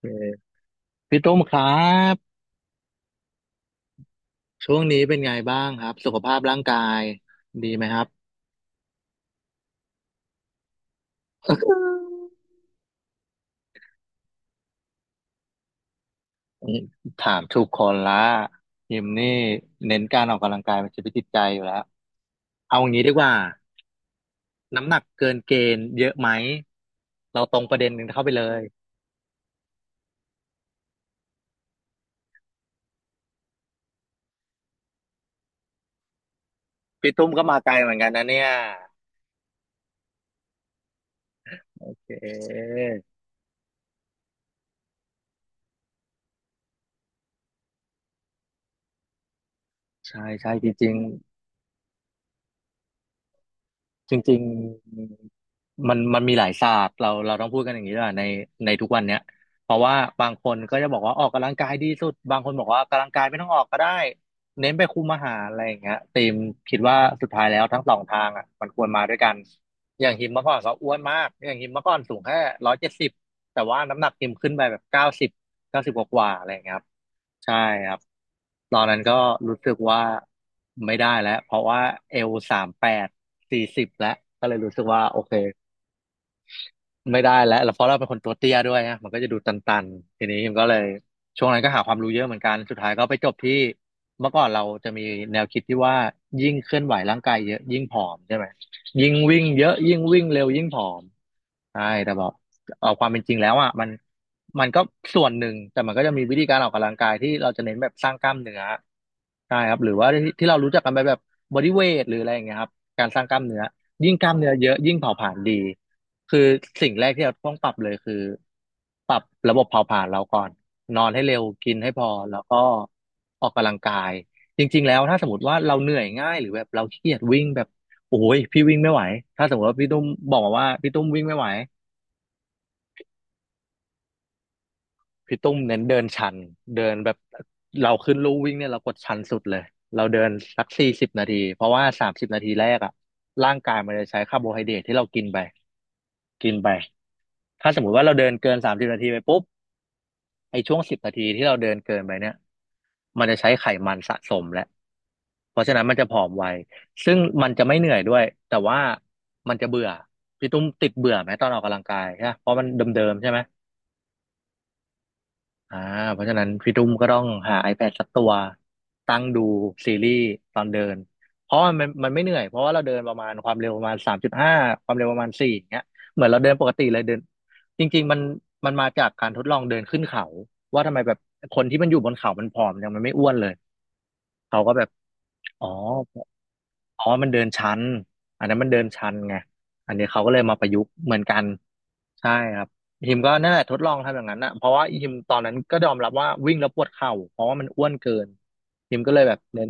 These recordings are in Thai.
เออพี่ตุ้มครับช่วงนี้เป็นไงบ้างครับสุขภาพร่างกายดีไหมครับนี่ถามทุกคนละยิมนี่เน้นการออกกำลังกายเป็นชีวิตจิตใจอยู่แล้วเอาอย่างนี้ดีกว่าน้ำหนักเกินเกณฑ์เยอะไหมเราตรงประเด็นหนึ่งเข้าไปเลยพี่ตุ้มก็มาไกลเหมือนกันนะเนี่ยเออใช่ใช่จริง จริงๆมันมีหลายศาสตร์เราต้องพูดกันอย่างนี้ด้วยในทุกวันเนี้ยเพราะว่าบางคนก็จะบอกว่าออกกำลังกายดีสุดบางคนบอกว่ากำลังกายไม่ต้องออกก็ได้เน้นไปคุมอาหารอะไรอย่างเงี้ยตีมคิดว่าสุดท้ายแล้วทั้งสองทางอ่ะมันควรมาด้วยกันอย่างฮิมเมื่อก่อนก็อ้วนมากอย่างฮิมเมื่อก่อนสูงแค่170แต่ว่าน้ำหนักฮิมขึ้นไปแบบเก้าสิบเก้าสิบกว่าๆอะไรอย่างเงี้ยครับ ใช่ครับตอนนั้นก็รู้สึกว่าไม่ได้แล้วเพราะว่าเอล38สี่สิบแล้วก็เลยรู้สึกว่าโอเคไม่ได้แล้วเพราะเราเป็นคนตัวเตี้ยด้วยนะมันก็จะดูตันๆทีนี้มันก็เลยช่วงนั้นก็หาความรู้เยอะเหมือนกันสุดท้ายก็ไปจบที่เมื่อก่อนเราจะมีแนวคิดที่ว่ายิ่งเคลื่อนไหวร่างกายเยอะยิ่งผอมใช่ไหมยิ่งวิ่งเยอะยิ่งวิ่งเร็วยิ่งผอมใช่แต่บอกเอาความเป็นจริงแล้วอ่ะมันก็ส่วนหนึ่งแต่มันก็จะมีวิธีการออกกำลังกายที่เราจะเน้นแบบสร้างกล้ามเนื้อ ใช่ครับหรือว่าที่เรารู้จักกันไปแบบบอดี้เวทหรืออะไรอย่างเงี้ยครับการสร้างกล้ามเนื้อยิ่งกล้ามเนื้อเยอะยิ่งเผาผลาญดีคือสิ่งแรกที่เราต้องปรับเลยคือปรับระบบเผาผลาญเราก่อนนอนให้เร็วกินให้พอแล้วก็ออกกำลังกายจริงๆแล้วถ้าสมมติว่าเราเหนื่อยง่ายหรือแบบเราขี้เกียจวิ่งแบบโอ้ยพี่วิ่งไม่ไหวถ้าสมมติว่าพี่ตุ้มบอกมาว่าพี่ตุ้มวิ่งไม่ไหว พี่ตุ้มเน้นเดินชันเดินแบบเราขึ้นลู่วิ่งเนี่ยเรากดชันสุดเลยเราเดินสัก40 นาทีเพราะว่าสามสิบนาทีแรกอะร่างกายมันจะใช้คาร์โบไฮเดรตที่เรากินไปกินไปถ้าสมมุติว่าเราเดินเกินสามสิบนาทีไปปุ๊บไอช่วงสิบนาทีที่เราเดินเกินไปเนี่ยมันจะใช้ไขมันสะสมแล้วเพราะฉะนั้นมันจะผอมไวซึ่งมันจะไม่เหนื่อยด้วยแต่ว่ามันจะเบื่อพี่ตุ้มติดเบื่อไหมตอนออกกำลังกายใช่ปะเพราะมันเดิมๆใช่ไหม อ่าเพราะฉะนั้นพี่ตุ้มก็ต้องหา iPad สักตัวตั้งดูซีรีส์ตอนเดินเพราะมันไม่เหนื่อยเพราะว่าเราเดินประมาณความเร็วประมาณ3.5ความเร็วประมาณสี่อย่างเงี้ยเหมือนเราเดินปกติเลยเดินจริงๆมันมาจากการทดลองเดินขึ้นเขาว่าทำไมแบบคนที่มันอยู่บนเขามันผอมยังมันไม่อ้วนเลยเขาก็แบบอ๋ออ๋อมันเดินชันอันนั้นมันเดินชันไงอันนี้เขาก็เลยมาประยุกต์เหมือนกัน ใช่ครับอีฮิมก็นั่นแหละทดลองทำอย่างนั้นนะเพราะว่าอีฮิมตอนนั้นก็ยอมรับว่าวิ่งแล้วปวดเข่าเพราะว่ามันอ้วนเกินอีฮิมก็เลยแบบเน้น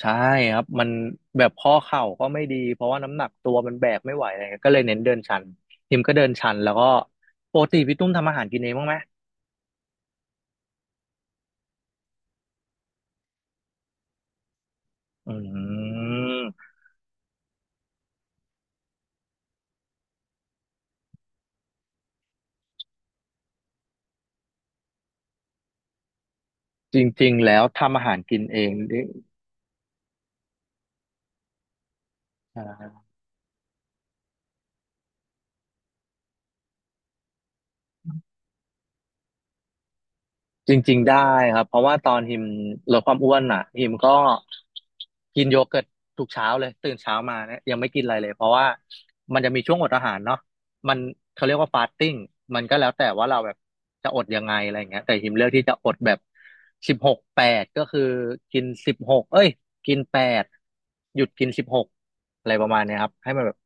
ใช่ครับมันแบบข้อเข่าก็ไม่ดีเพราะว่าน้ำหนักตัวมันแบกไม่ไหวอะไรเงี้ยก็เลยเน้นเดินชันอีฮิมก็เดินชันแล้วก็ปกติพี่ตุ้มทำอาหารกินเองบ้างไหมอืมจริงๆแล้วทำอาหารกินเองดิใช่ จริงๆได้ครับเพราะว่าตอนฮิมลดความอ้วนอ่ะฮิมก็กินโยเกิร์ตทุกเช้าเลยตื่นเช้ามาเนี่ยยังไม่กินอะไรเลยเพราะว่ามันจะมีช่วงอดอาหารเนาะมันเขาเรียกว่าฟาสติ้งมันก็แล้วแต่ว่าเราแบบจะอดยังไงอะไรอย่างเงี้ยแต่ฮิมเลือกที่จะอดแบบ16:8ก็คือกินสิบหกเอ้ยกินแปดหยุดกินสิบหกอะไรประมาณเนี้ยครับให้มันแบบ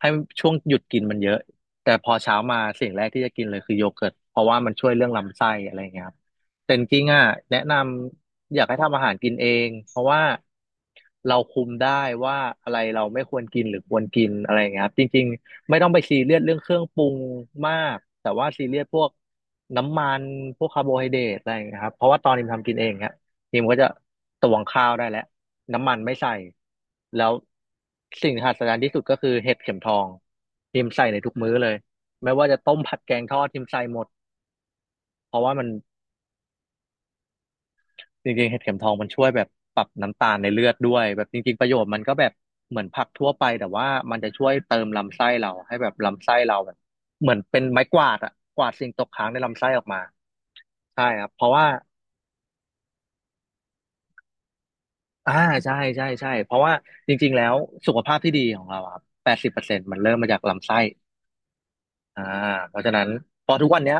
ให้ช่วงหยุดกินมันเยอะแต่พอเช้ามาสิ่งแรกที่จะกินเลยคือโยเกิร์ตเพราะว่ามันช่วยเรื่องลำไส้อะไรเงี้ยครับแต่จริงๆอ่ะแนะนำอยากให้ทำอาหารกินเองเพราะว่าเราคุมได้ว่าอะไรเราไม่ควรกินหรือควรกินอะไรเงี้ยครับจริงๆไม่ต้องไปซีเรียสเรื่องเครื่องปรุงมากแต่ว่าซีเรียสพวกน้ำมันพวกคาร์โบไฮเดรตอะไรเงี้ยครับเพราะว่าตอนนี้ทำกินเองเน ทีมก็จะตวงข้าวได้แล้วน้ำมันไม่ใส่แล้วสิ่งที่หัศจรรย์ที่สุดก็คือเห็ดเข็มทองทีมใส่ในทุกมื้อเลยไม่ว่าจะต้มผัดแกงทอดทีมใส่หมดเพราะว่ามันจริงๆเห็ดเข็มทองมันช่วยแบบปรับน้ำตาลในเลือดด้วยแบบจริงๆประโยชน์มันก็แบบเหมือนผักทั่วไปแต่ว่ามันจะช่วยเติมลำไส้เราให้แบบลำไส้เราแบบเหมือนเป็นไม้กวาดอะกวาดสิ่งตกค้างในลำไส้ออกมาใช่ครับเพราะว่า อ่าใช่ใช่ใช่เพราะว่าจริงๆแล้วสุขภาพที่ดีของเราอะครับแปดสิบเปอร์เซ็นต์มันเริ่มมาจากลำไส้อ่าเพราะฉะนั้นพอทุกวันเนี้ย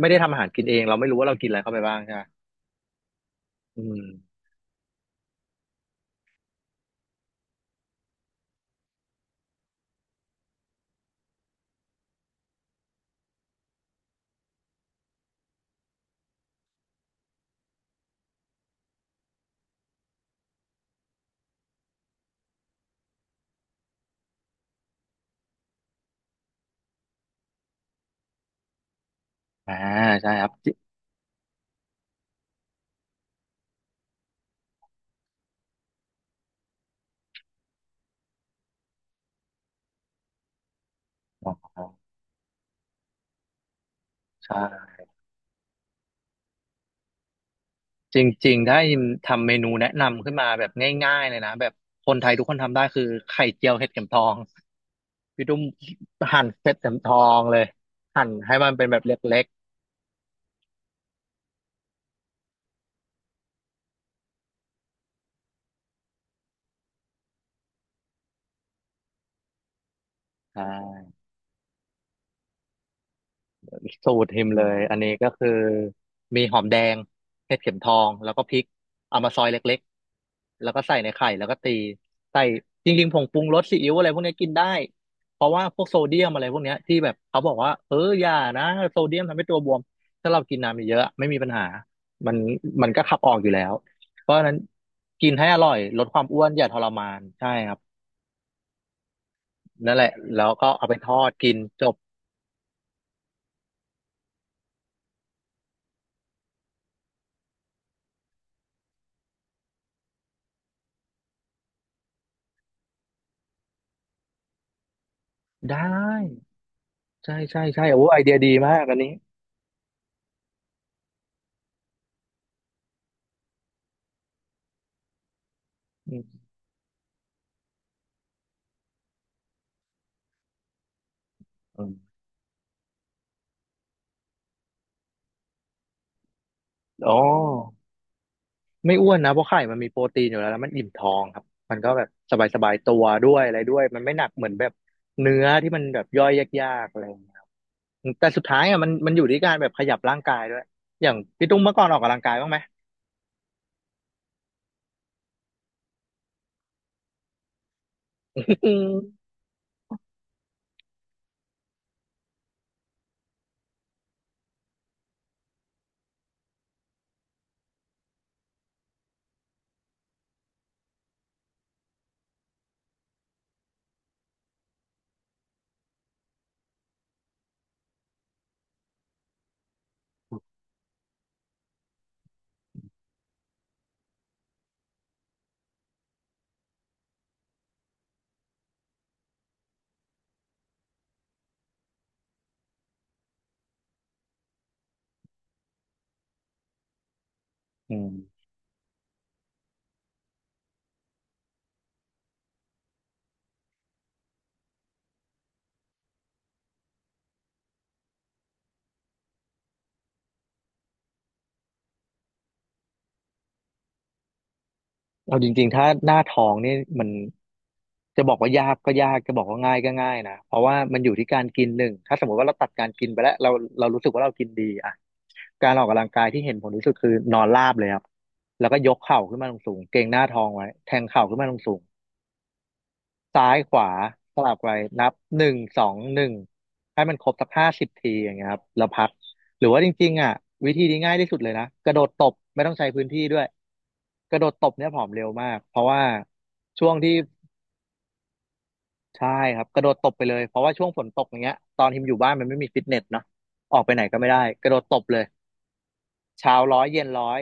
ไม่ได้ทำอาหารกินเองเราไม่รู้ว่าเรากินอะไรเข้าไปบ้างใช่ไหมอืมอ่าใช่ครับจิอ๋อใช่จริงๆถ้าอิมทำเมนูแนะนำขึ้นมาแบบง่ายๆเลยนะแบบคนไทยทุกคนทำได้คือไข่เจียวเห็ดเข็มทองพี่ตุ้มหั่นเห็ดเข็มทองเลยหั่นให้มันเป็นแบบเล็กๆสูตรหิมเลยอันนี้ก็คือมีหอมแดงเห็ดเข็มทองแล้วก็พริกเอามาซอยเล็กๆแล้วก็ใส่ในไข่แล้วก็ตีใส่จริงๆผงปรุงรสซีอิ๊วอะไรพวกนี้กินได้เพราะว่าพวกโซเดียมอะไรพวกเนี้ยที่แบบเขาบอกว่าเอออย่านะโซเดียมทำให้ตัวบวมถ้าเรากินน้ำเยอะๆไม่มีปัญหามันมันก็ขับออกอยู่แล้วเพราะฉะนั้นกินให้อร่อยลดความอ้วนอย่าทรมานใช่ครับนั่นแหละแล้วก็เอาไปทอดกินจบได้ใช่ใช่ใช่โอ้ไอเดียดีมากอันนี้ อืมอืมอ๋อไม่อ้วนนะเพราะไข่มันมีโปรตีนอยู่แล้วแล้วมันอิ่มท้องครับมันก็แบบสบายสบายตัวด้วยอะไรด้วยมันไม่หนักเหมือนแบบเนื้อที่มันแบบย่อยยากๆอะไรอย่างเงี้ยครับแต่สุดท้ายอ่ะมันอยู่ที่การแบบขยับร่างกายด้วยอย่างพี่ตุ้มเมื่อก่อนออกกำลังกายบ้างไหม อืมเอาจริงๆถ้าหน้าท้องนี่มันจะบอกว่ายากก็ยากจะบอกว่าง่ายก็ง่ายนะเพราะว่ามันอยู่ที่การกินหนึ่งถ้าสมมติว่าเราตัดการกินไปแล้วเรารู้สึกว่าเรากินดีอ่ะ การออกกำลังกายที่เห็นผลที่สุดคือนอนราบเลยครับ แล้วก็ยกเข่าขึ้นมาลงสูงเกร็งหน้าท้องไว้แทงเข่าขึ้นมาลงสูงซ้ายขวาสลับไปนับหนึ่งสองหนึ่งให้มันครบสักห้าสิบทีอย่างเงี้ยครับแล้วพักหรือว่าจริงๆอ่ะวิธีนี้ง่ายที่สุดเลยนะกระโดดตบไม่ต้องใช้พื้นที่ด้วยกระโดดตบเนี่ยผอมเร็วมากเพราะว่าช่วงที่ใช่ครับกระโดดตบไปเลยเพราะว่าช่วงฝนตกอย่างเงี้ยตอนทิมอยู่บ้านมันไม่มีฟิตเนสเนาะออกไปไหนก็ไม่ได้กระโดดตบเลยเช้าร้อยเย็นร้อย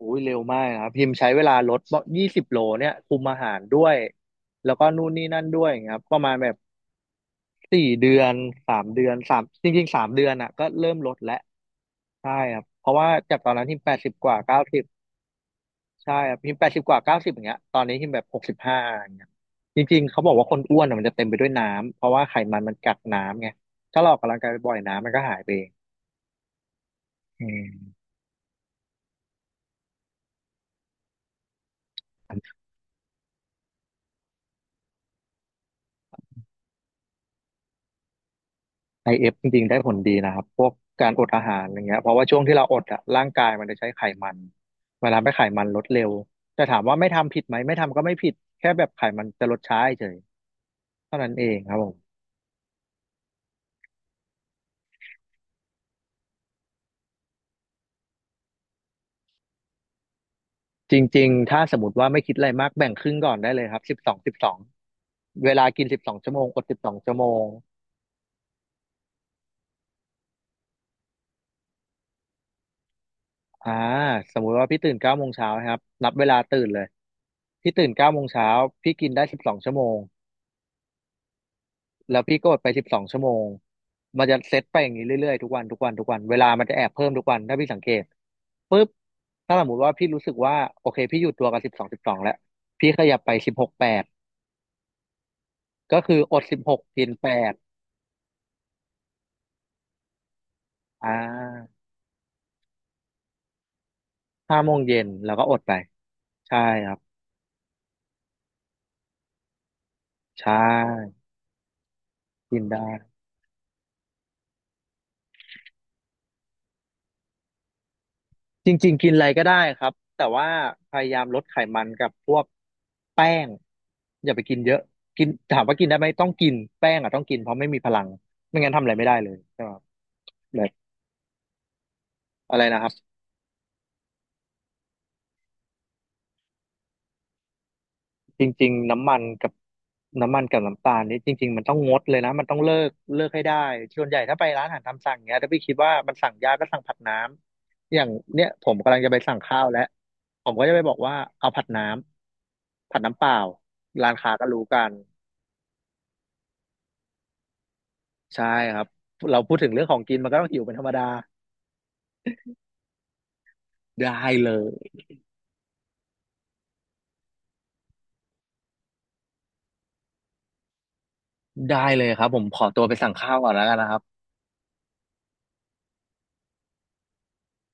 อุ้ยเร็วมากนะครับพิมพ์ใช้เวลาลดยี่สิบโลเนี่ยคุมอาหารด้วยแล้วก็นู่นนี่นั่นด้วยอย่างเงี้ยครับประมาณแบบสี่เดือนสามเดือนสามจริงๆสามเดือนอ่ะก็เริ่มลดแล้วใช่ครับเพราะว่าจากตอนนั้นพิมแปดสิบกว่าเก้าสิบใช่ครับพิมแปดสิบกว่าเก้าสิบอย่างเงี้ยตอนนี้พิมแบบหกสิบห้าอย่างเงี้ยจริงๆเขาบอกว่าคนอ้วนอ่ะมันจะเต็มไปด้วยน้ำเพราะว่าไขมันมันกักน้ำไงถ้าเราออกกำลังกายบ่อยๆน้ำมันก็หายไปเองอืม IF จริงๆได้ผลดีนะครับพวกการอดอาหารอย่างเงี้ยเพราะว่าช่วงที่เราอดอะร่างกายมันจะใช้ไขมันเวลาไมไขมันลดเร็วแต่ถามว่าไม่ทำผิดไหมไม่ทำก็ไม่ผิดแค่แบบไขมันจะลดช้าเฉยเท่านั้นเองครับผมจริงๆถ้าสมมติว่าไม่คิดอะไรมากแบ่งครึ่งก่อนได้เลยครับสิบสองสิบสองเวลากินสิบสองชั่วโมงอดสิบสองชั่วโมงอ่าสมมุติว่าพี่ตื่นเก้าโมงเช้าครับนับเวลาตื่นเลยพี่ตื่นเก้าโมงเช้าพี่กินได้สิบสองชั่วโมง แล้วพี่ก็อดไปสิบสองชั่วโมง มันจะเซตไปอย่างนี้เรื่อยๆ ทุกวัน ทุกวัน ทุกวัน เวลามันจะแอบเพิ่มทุกวัน ถ้าพี่สังเกตปุ๊บถ้าสมมติว่าพี่รู้สึกว่า โอเค พี่อยู่ตัวกับสิบสองสิบสองแล้ว พี่ขยับไปสิบหกแปดก็คืออดสิบหกกินแปดอ่าห้าโมงเย็น แล้วก็อดไป ใช่ครับ ใช่ กินได้ จริงๆกินอะไรก็ได้ครับแต่ว่าพยายามลดไขมันกับพวกแป้งอย่าไปกินเยอะกินถามว่ากินได้ไหมต้องกินแป้งอ่ะต้องกินเพราะไม่มีพลังไม่งั้นทำอะไรไม่ได้เลยใช่ไหมครับแบบอะไรนะครับจริงๆน้ำมันกับน้ำตาลนี่จริงๆมันต้องงดเลยนะมันต้องเลิกให้ได้ส่วนใหญ่ถ้าไปร้านอาหารตามสั่งเนี้ยถ้าพี่คิดว่ามันสั่งยากก็สั่งผัดน้ำอย่างเนี้ยผมกำลังจะไปสั่งข้าวแล้วผมก็จะไปบอกว่าเอาผัดน้ำเปล่าร้านค้าก็รู้กัน ใช่ครับเราพูดถึงเรื่องของกินมันก็ต้องหิวเป็นธรรมดาได้เลยได้เลยครับผมขอตัวไปสั่งข้าวก่อนแล้วกันนะครับ